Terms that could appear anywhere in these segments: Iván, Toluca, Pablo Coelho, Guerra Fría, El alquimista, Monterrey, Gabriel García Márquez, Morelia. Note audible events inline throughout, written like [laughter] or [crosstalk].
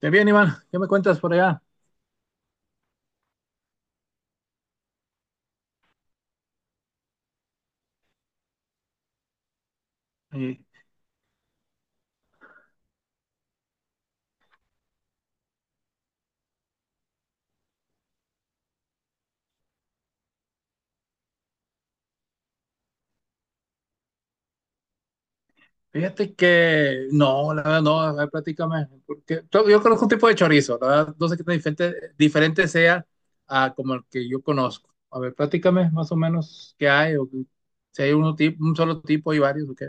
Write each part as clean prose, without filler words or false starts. Qué bien, Iván. ¿Qué me cuentas por allá? Eh, Fíjate que no, la verdad no, a ver, platícame. Porque yo conozco un tipo de chorizo, la verdad, no sé qué tan diferente, diferente sea a como el que yo conozco. A ver, platícame más o menos qué hay, o si hay uno, un solo tipo y varios, ¿ok?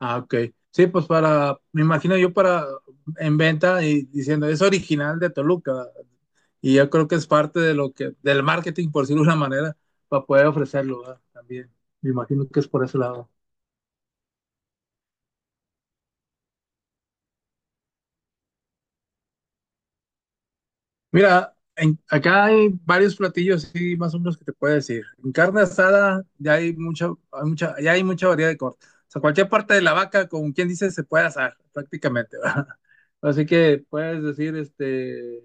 Ah, ok. Sí, pues para, me imagino yo para en venta y diciendo, es original de Toluca. Y yo creo que es parte de lo que, del marketing, por decirlo de una manera, para poder ofrecerlo, ¿verdad? También. Me imagino que es por ese lado. Mira, acá hay varios platillos, sí, más o menos que te puedo decir. En carne asada ya hay mucha, ya hay mucha variedad de cortes. O sea, cualquier parte de la vaca, como quien dice, se puede asar prácticamente, [laughs] ¿verdad? Así que puedes decir,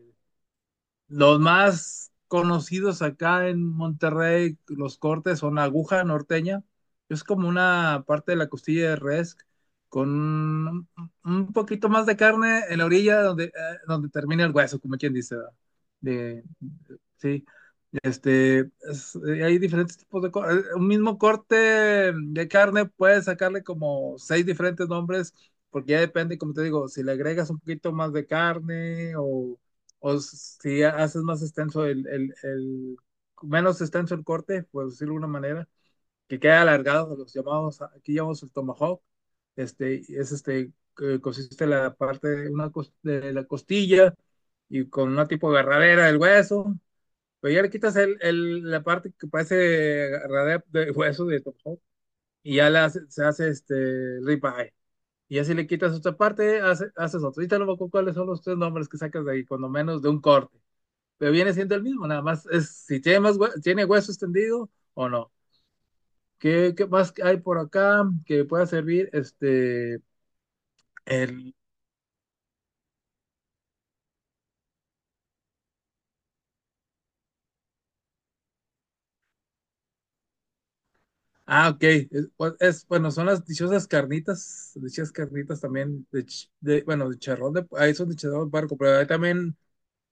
los más conocidos acá en Monterrey, los cortes son aguja norteña. Es como una parte de la costilla de res con un poquito más de carne en la orilla donde, donde termina el hueso, como quien dice, ¿verdad? De, sí. Este, hay diferentes tipos de... un mismo corte de carne puedes sacarle como seis diferentes nombres, porque ya depende, como te digo, si le agregas un poquito más de carne o si haces más extenso el, menos extenso el corte, por decirlo de alguna manera, que quede alargado, los llamados, aquí llamamos el tomahawk, es este, que consiste la parte de, una, de la costilla y con una tipo de agarradera del hueso, pero ya le quitas el, la parte que parece radea de hueso de Tom Hog, y ya la se hace este ribeye. Y así le quitas otra parte, haces otro. Y no me acuerdo cuáles son los tres nombres que sacas de ahí, cuando menos de un corte. Pero viene siendo el mismo, nada más es si tiene más tiene hueso extendido o no. ¿Qué, qué más hay por acá que pueda servir? El, ah, ok. Es, pues, bueno, son las dichosas carnitas también de, bueno, de charrón de, ahí son de charrón de puerco, pero ahí también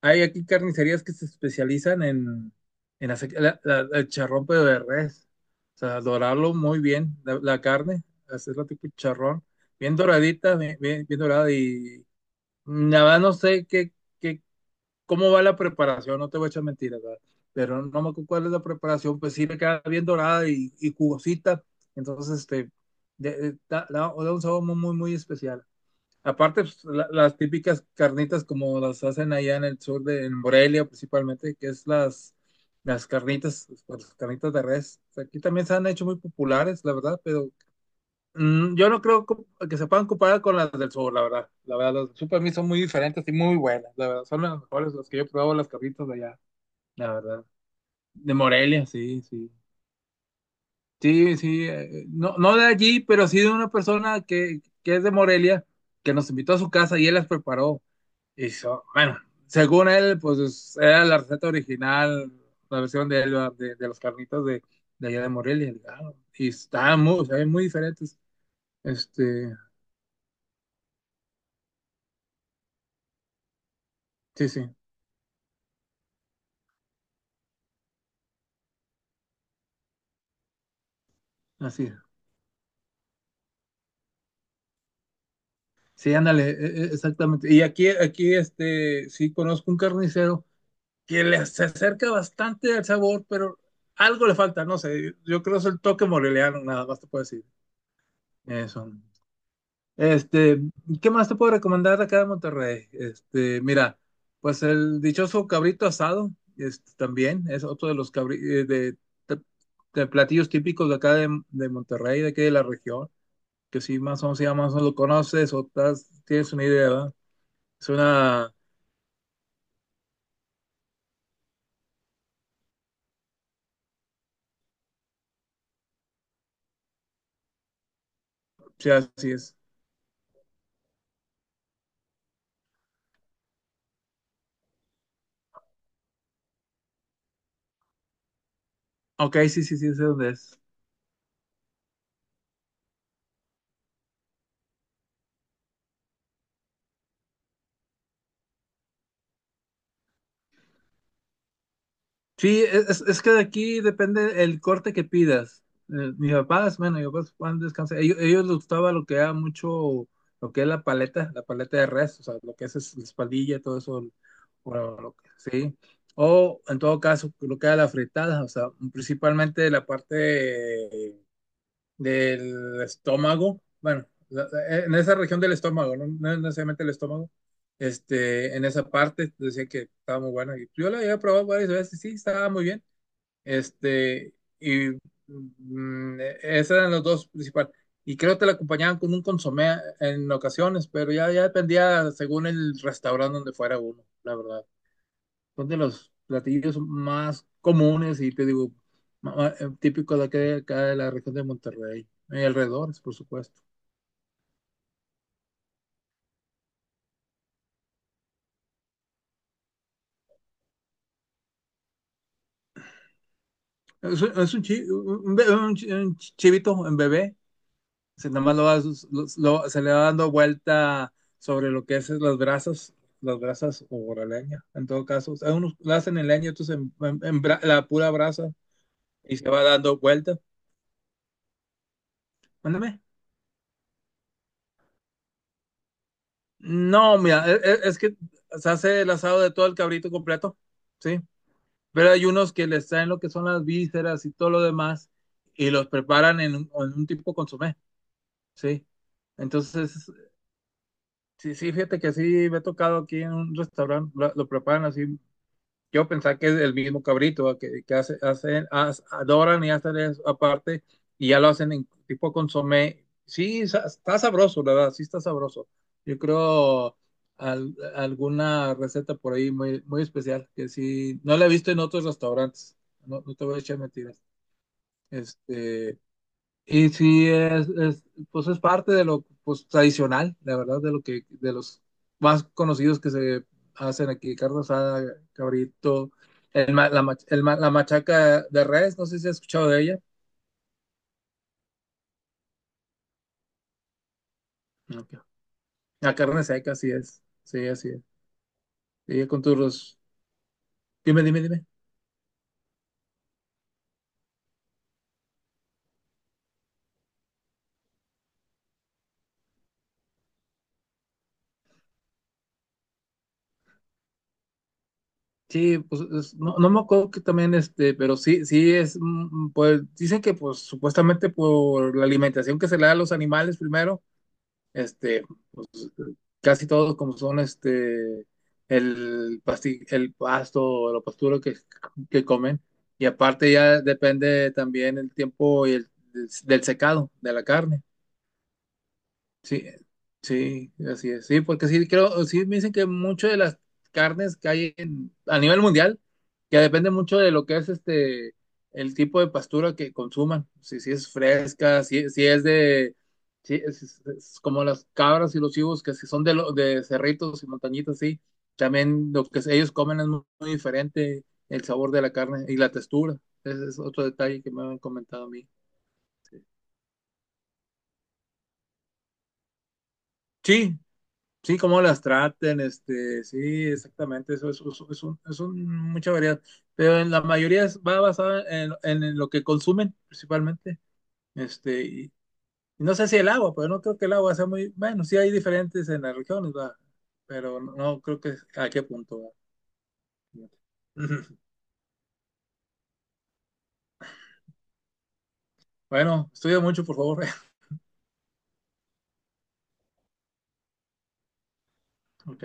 hay aquí carnicerías que se especializan en hacer el charrón, pero de res. O sea, dorarlo muy bien, la carne, hacerlo tipo charrón, bien doradita, bien, bien, bien dorada. Y nada, no sé qué, qué, cómo va la preparación, no te voy a echar mentiras, ¿verdad? Pero no me acuerdo cuál es la preparación, pues sí le queda bien dorada y jugosita. Entonces, da, da un sabor muy, muy, muy especial. Aparte, pues, las típicas carnitas como las hacen allá en el sur de en Morelia principalmente, que es las carnitas de res. O sea, aquí también se han hecho muy populares, la verdad, pero yo no creo que se puedan comparar con las del sur, la verdad. La verdad, las del sur para mí son muy diferentes y muy buenas, la verdad. Son las mejores las que yo he probado, las carnitas de allá, la verdad. De Morelia, sí, sí. Sí, sí. No, no de allí, pero sí de una persona que es de Morelia, que nos invitó a su casa y él las preparó. Hizo, bueno, según él, pues era la receta original, la versión de, él, de los carnitos de allá de Morelia. Ah, y estaban muy, saben, muy diferentes. Este, sí, sí, así es. Sí, ándale, exactamente. Y aquí, aquí, sí conozco un carnicero que le, se acerca bastante al sabor, pero algo le falta, no sé. Yo creo que es el toque moreliano, nada más te puedo decir. Eso. Este, ¿Qué más te puedo recomendar de acá de Monterrey? Mira, pues el dichoso cabrito asado, también es otro de los de, de- de platillos típicos de acá de Monterrey, de aquí de la región, que si más o menos, si ya más o menos lo conoces o tienes una idea, ¿verdad? Es una, sí, así es. Ok, sí, sí, sí, sé dónde es. Sí, es que de aquí depende el corte que pidas. Mis papás, bueno, mis papás van a descansar. Ellos les gustaba lo que era mucho, lo que es la paleta de res, o sea, lo que es la espaldilla, todo eso, bueno, sí. O en todo caso, lo que era la fritada, o sea, principalmente la parte del estómago, bueno, en esa región del estómago, no, no necesariamente el estómago. En esa parte decía que estaba muy buena. Y yo la había probado varias veces, sí, estaba muy bien. Este, y esos eran los dos principales. Y creo que la acompañaban con un consomé en ocasiones, pero ya, ya dependía según el restaurante donde fuera uno, la verdad. Son de los platillos más comunes y te digo, típicos de acá, acá de la región de Monterrey y alrededores, por supuesto. Es un un chivito en bebé, se, nada más lo, lo- se le va dando vuelta sobre lo que es las brasas o la leña, en todo caso. O sea, unos la hacen en leña, otros en, la pura brasa y se va dando vuelta. Mándame. No, mira, es, que se hace el asado de todo el cabrito completo, ¿sí? Pero hay unos que les traen lo que son las vísceras y todo lo demás y los preparan en un tipo consomé, ¿sí? Entonces, sí, sí, fíjate que sí, me ha tocado aquí en un restaurante, lo preparan así. Yo pensaba que es el mismo cabrito, ¿va? Que hace, hacen, adoran y hacen eso aparte y ya lo hacen en tipo consomé. Sí, está sabroso, la verdad, sí está sabroso. Yo creo alguna receta por ahí muy, muy especial que sí, no la he visto en otros restaurantes, no, no te voy a echar mentiras. Este, sí, es, pues es parte de lo pues, tradicional, la verdad, de lo que, de los más conocidos que se hacen aquí, carne asada, cabrito, el la machaca de res, no sé si has escuchado de ella. Ok. La carne seca, así es, sí, así es. Y con tus... Dime, dime, dime. Sí, pues no, no me acuerdo que también, pero sí, sí es, pues dicen que pues supuestamente por la alimentación que se le da a los animales primero. Este, pues, casi todos como son este el el pasto o la pastura que comen. Y aparte ya depende también el tiempo y del secado de la carne. Sí, sí, así es. Sí, porque sí, creo, sí me dicen que mucho de las carnes que hay a nivel mundial, que depende mucho de lo que es el tipo de pastura que consuman. Si, si es fresca, si, si es de, si es, es como las cabras y los chivos, que si son de, de cerritos y montañitas, sí. También lo que ellos comen es muy, muy diferente el sabor de la carne y la textura. Ese es otro detalle que me han comentado a mí. Sí, sí, cómo las traten, sí, exactamente, eso es, mucha variedad, pero en la mayoría va basada en lo que consumen principalmente, este, y, y no sé si el agua, pero no creo que el agua sea muy, bueno, sí hay diferentes en las regiones, va, pero no, no creo que a qué punto va. [laughs] Bueno, estudia mucho, por favor. [laughs] Ok.